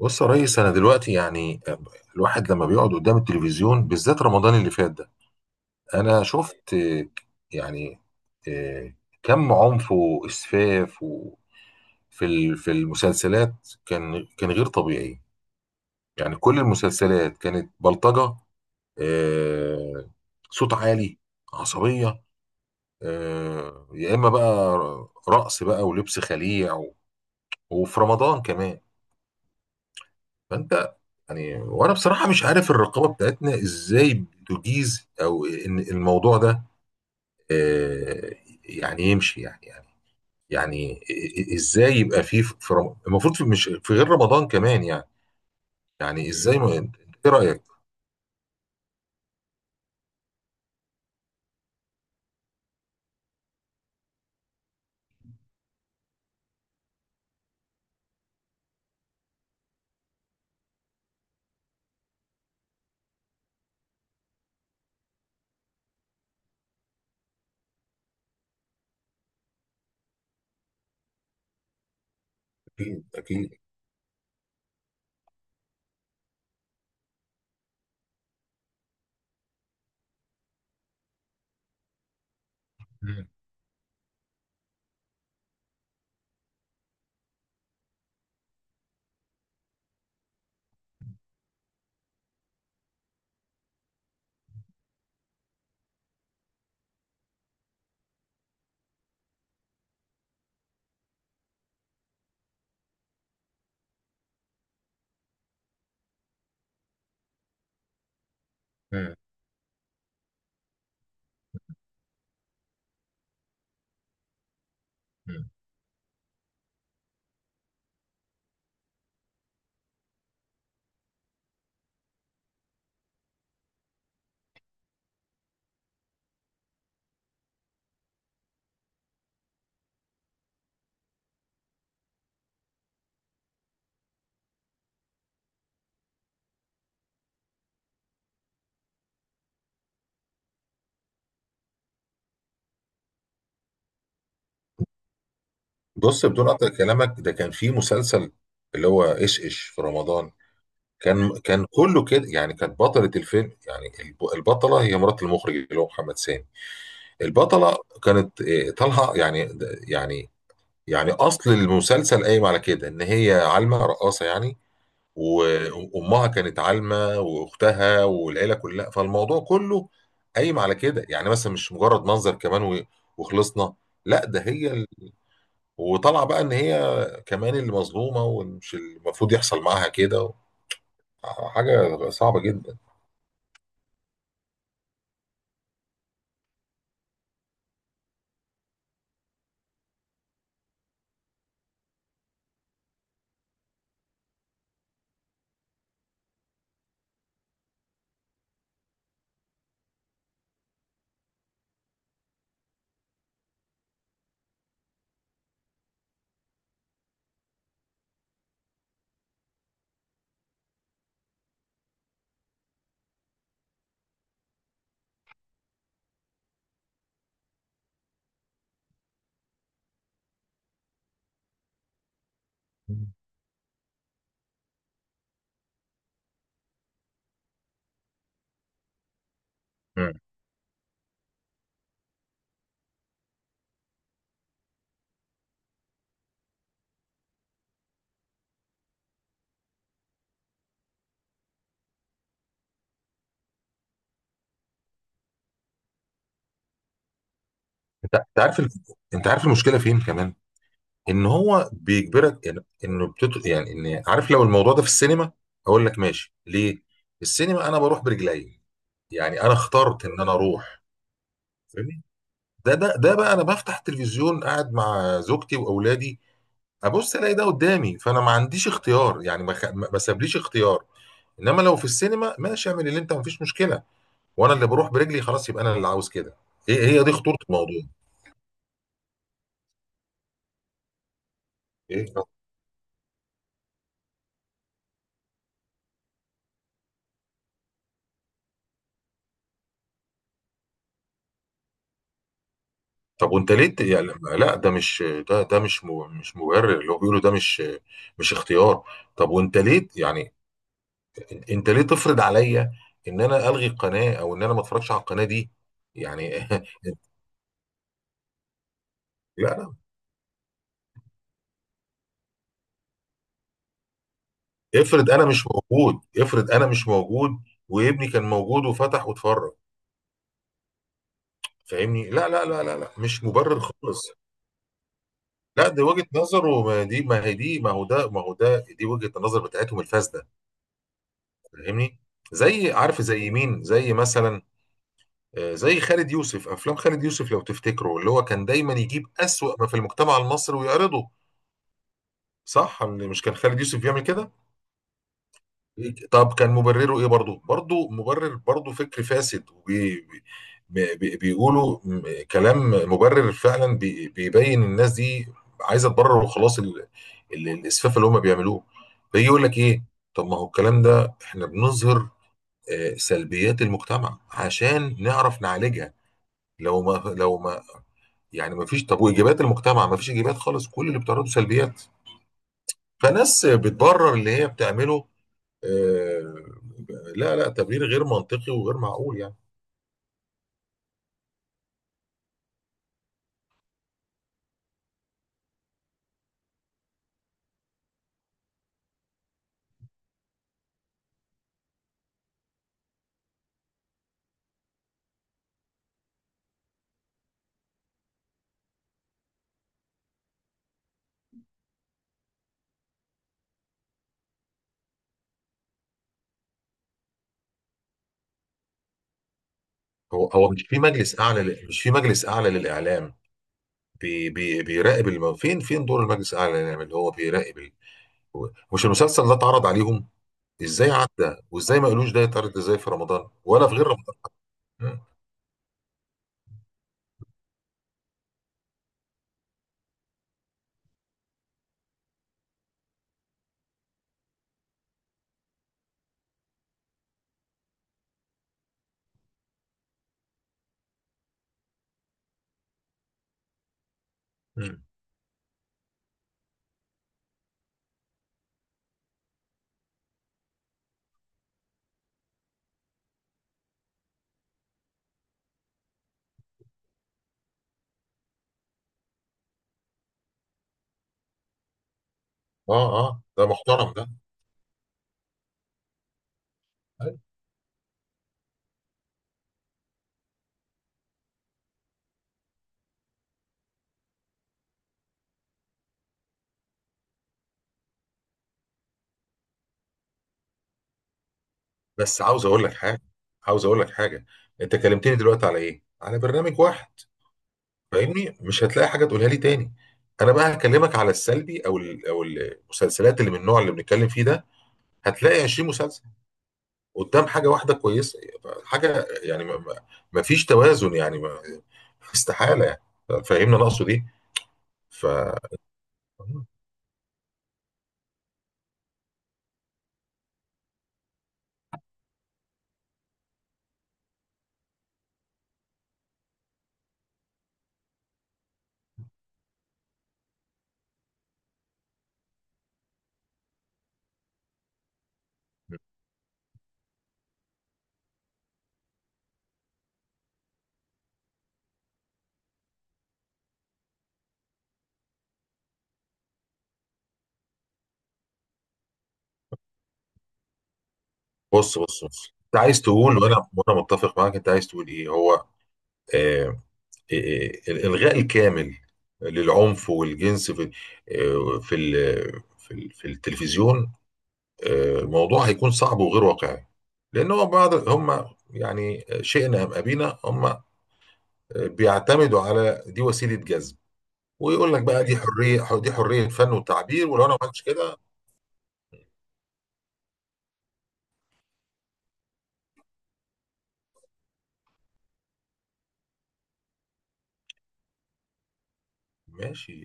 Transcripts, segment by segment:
بص يا ريس. انا دلوقتي يعني الواحد لما بيقعد قدام التلفزيون بالذات رمضان اللي فات ده انا شفت يعني آه، كم عنف واسفاف في المسلسلات كان غير طبيعي. يعني كل المسلسلات كانت بلطجة، آه، صوت عالي، عصبية، يا اما بقى رقص بقى ولبس خليع وفي رمضان كمان. فانت يعني وانا بصراحه مش عارف الرقابه بتاعتنا ازاي بتجيز او ان الموضوع ده آه، يعني يمشي يعني إ- ازاي يبقى فيه في رم... المفروض مش في غير رمضان كمان يعني. يعني ازاي ما... انت- ايه رايك؟ اكيد اكيد. مم. مم. مم. بص بدون قطع كلامك، ده كان في مسلسل اللي هو ايش في رمضان، كان كله كده. يعني كانت بطلة الفيلم، يعني البطلة، هي مرات المخرج اللي هو محمد سامي. البطلة كانت طالعة يعني. يعني أصل المسلسل قايم على كده، إن هي عالمة رقاصة يعني، وأمها كانت عالمة وأختها والعيلة كلها. فالموضوع كله قايم على كده يعني، مثلا مش مجرد منظر كمان وخلصنا، لا ده هي ال... وطالعة بقى إن هي كمان اللي مظلومة ومش المفروض يحصل معاها كده و... حاجة صعبة جدا. مم. انت عارف ال... انت عارف المشكلة فين كمان. ان هو بيجبرك إن- انه بتط... يعني ان عارف، لو الموضوع ده في السينما اقول لك ماشي، ليه؟ السينما انا بروح برجلي، يعني انا اخترت ان انا اروح. فاهمني؟ ده بقى انا بفتح التلفزيون قاعد مع زوجتي واولادي، ابص الاقي ده قدامي، فانا ما عنديش اختيار، يعني ما سابليش اختيار. انما لو في السينما ماشي، اعمل اللي انت ما فيش مشكله، وانا اللي بروح برجلي، خلاص يبقى انا اللي عاوز كده. ايه هي دي خطوره الموضوع. ايه؟ طب وانت ليه يعني لا ده مش، ده ده مش مش مبرر، اللي هو بيقوله ده مش مش اختيار. طب وانت ليه يعني، انت ليه تفرض عليا ان انا الغي القناه، او ان انا ما اتفرجش على القناه دي يعني؟ لا لا. افرض انا مش موجود، افرض انا مش موجود وابني كان موجود وفتح واتفرج. فاهمني؟ لا، مش مبرر خالص. لا دي وجهه نظر، وما دي ما هي دي ما هو ده ما هو ده دي وجهه النظر بتاعتهم الفاسده. فاهمني؟ زي، عارف، زي مين، زي مثلا زي خالد يوسف. افلام خالد يوسف لو تفتكروا، اللي هو كان دايما يجيب اسوأ ما في المجتمع المصري ويعرضه. صح؟ اللي مش كان خالد يوسف بيعمل كده. طب كان مبرره ايه؟ برضه برضه مبرر، برضه فكر فاسد بيقولوا كلام مبرر فعلا، بيبين الناس دي عايزه تبرر وخلاص ال- الاسفاف اللي هم بيعملوه. فيجي يقول لك ايه، طب ما هو الكلام ده احنا بنظهر سلبيات المجتمع عشان نعرف نعالجها. لو ما لو ما يعني مفيش. طب واجابات المجتمع؟ مفيش اجابات خالص، كل اللي بتعرضه سلبيات. فناس بتبرر اللي هي بتعمله. آه، لا لا، تبرير غير منطقي وغير معقول يعني. هو مش في مجلس اعلى مش في مجلس اعلى للاعلام بي بي بيراقب الم... فين فين دور المجلس الاعلى للاعلام اللي هو بيراقب ال... مش المسلسل ده اتعرض عليهم؟ ازاي عدى؟ وازاي ما قالوش ده يتعرض ازاي في رمضان ولا في غير رمضان؟ مم. مم. اه اه، ده محترم ده. بس عاوز اقول لك حاجه، عاوز اقول لك حاجه، انت كلمتني دلوقتي على ايه؟ على برنامج واحد. فاهمني؟ مش هتلاقي حاجه تقولها لي تاني. انا بقى هكلمك على السلبي او المسلسلات اللي من النوع اللي بنتكلم فيه ده، هتلاقي 20 مسلسل قدام حاجه واحده كويسه. حاجه يعني ما فيش توازن يعني، ما استحاله يعني. فاهمني انا اقصد ايه؟ ف بص، انت عايز تقول، وانا متفق معاك، انت عايز تقول ايه. هو آه، الإلغاء الكامل للعنف والجنس في في التلفزيون، موضوع هيكون صعب وغير واقعي. لأن هو بعض هم، يعني شئنا أم أبينا، هم بيعتمدوا على دي وسيلة جذب. ويقول لك بقى دي حرية، دي حرية فن وتعبير، ولو أنا ما عملتش كده. ماشي.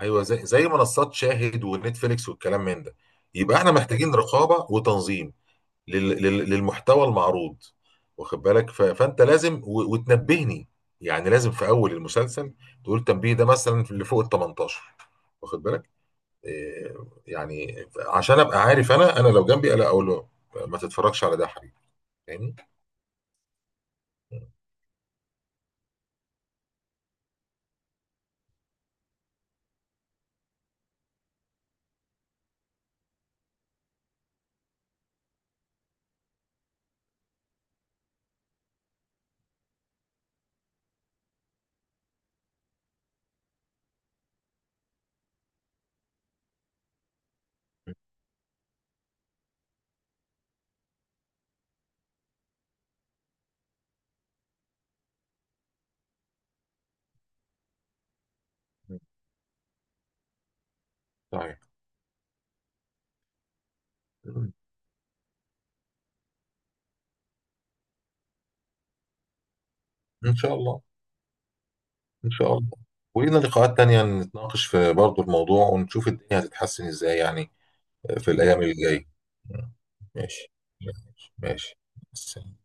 أيوه، زي زي منصات شاهد ونتفليكس والكلام من ده. يبقى احنا محتاجين رقابة وتنظيم للمحتوى المعروض، واخد بالك؟ فانت لازم وتنبهني. يعني لازم في اول المسلسل تقول تنبيه، ده مثلا في اللي فوق ال 18، واخد بالك؟ إيه، يعني عشان ابقى عارف انا، لو جنبي انا اقول له ما تتفرجش على ده يا حبيبي. فاهمني؟ طيب. ان شاء الله. ان شاء الله. ولينا لقاءات تانية نتناقش في برضه الموضوع، ونشوف الدنيا هتتحسن ازاي يعني، في الايام اللي جايه. ماشي. ماشي. ماشي.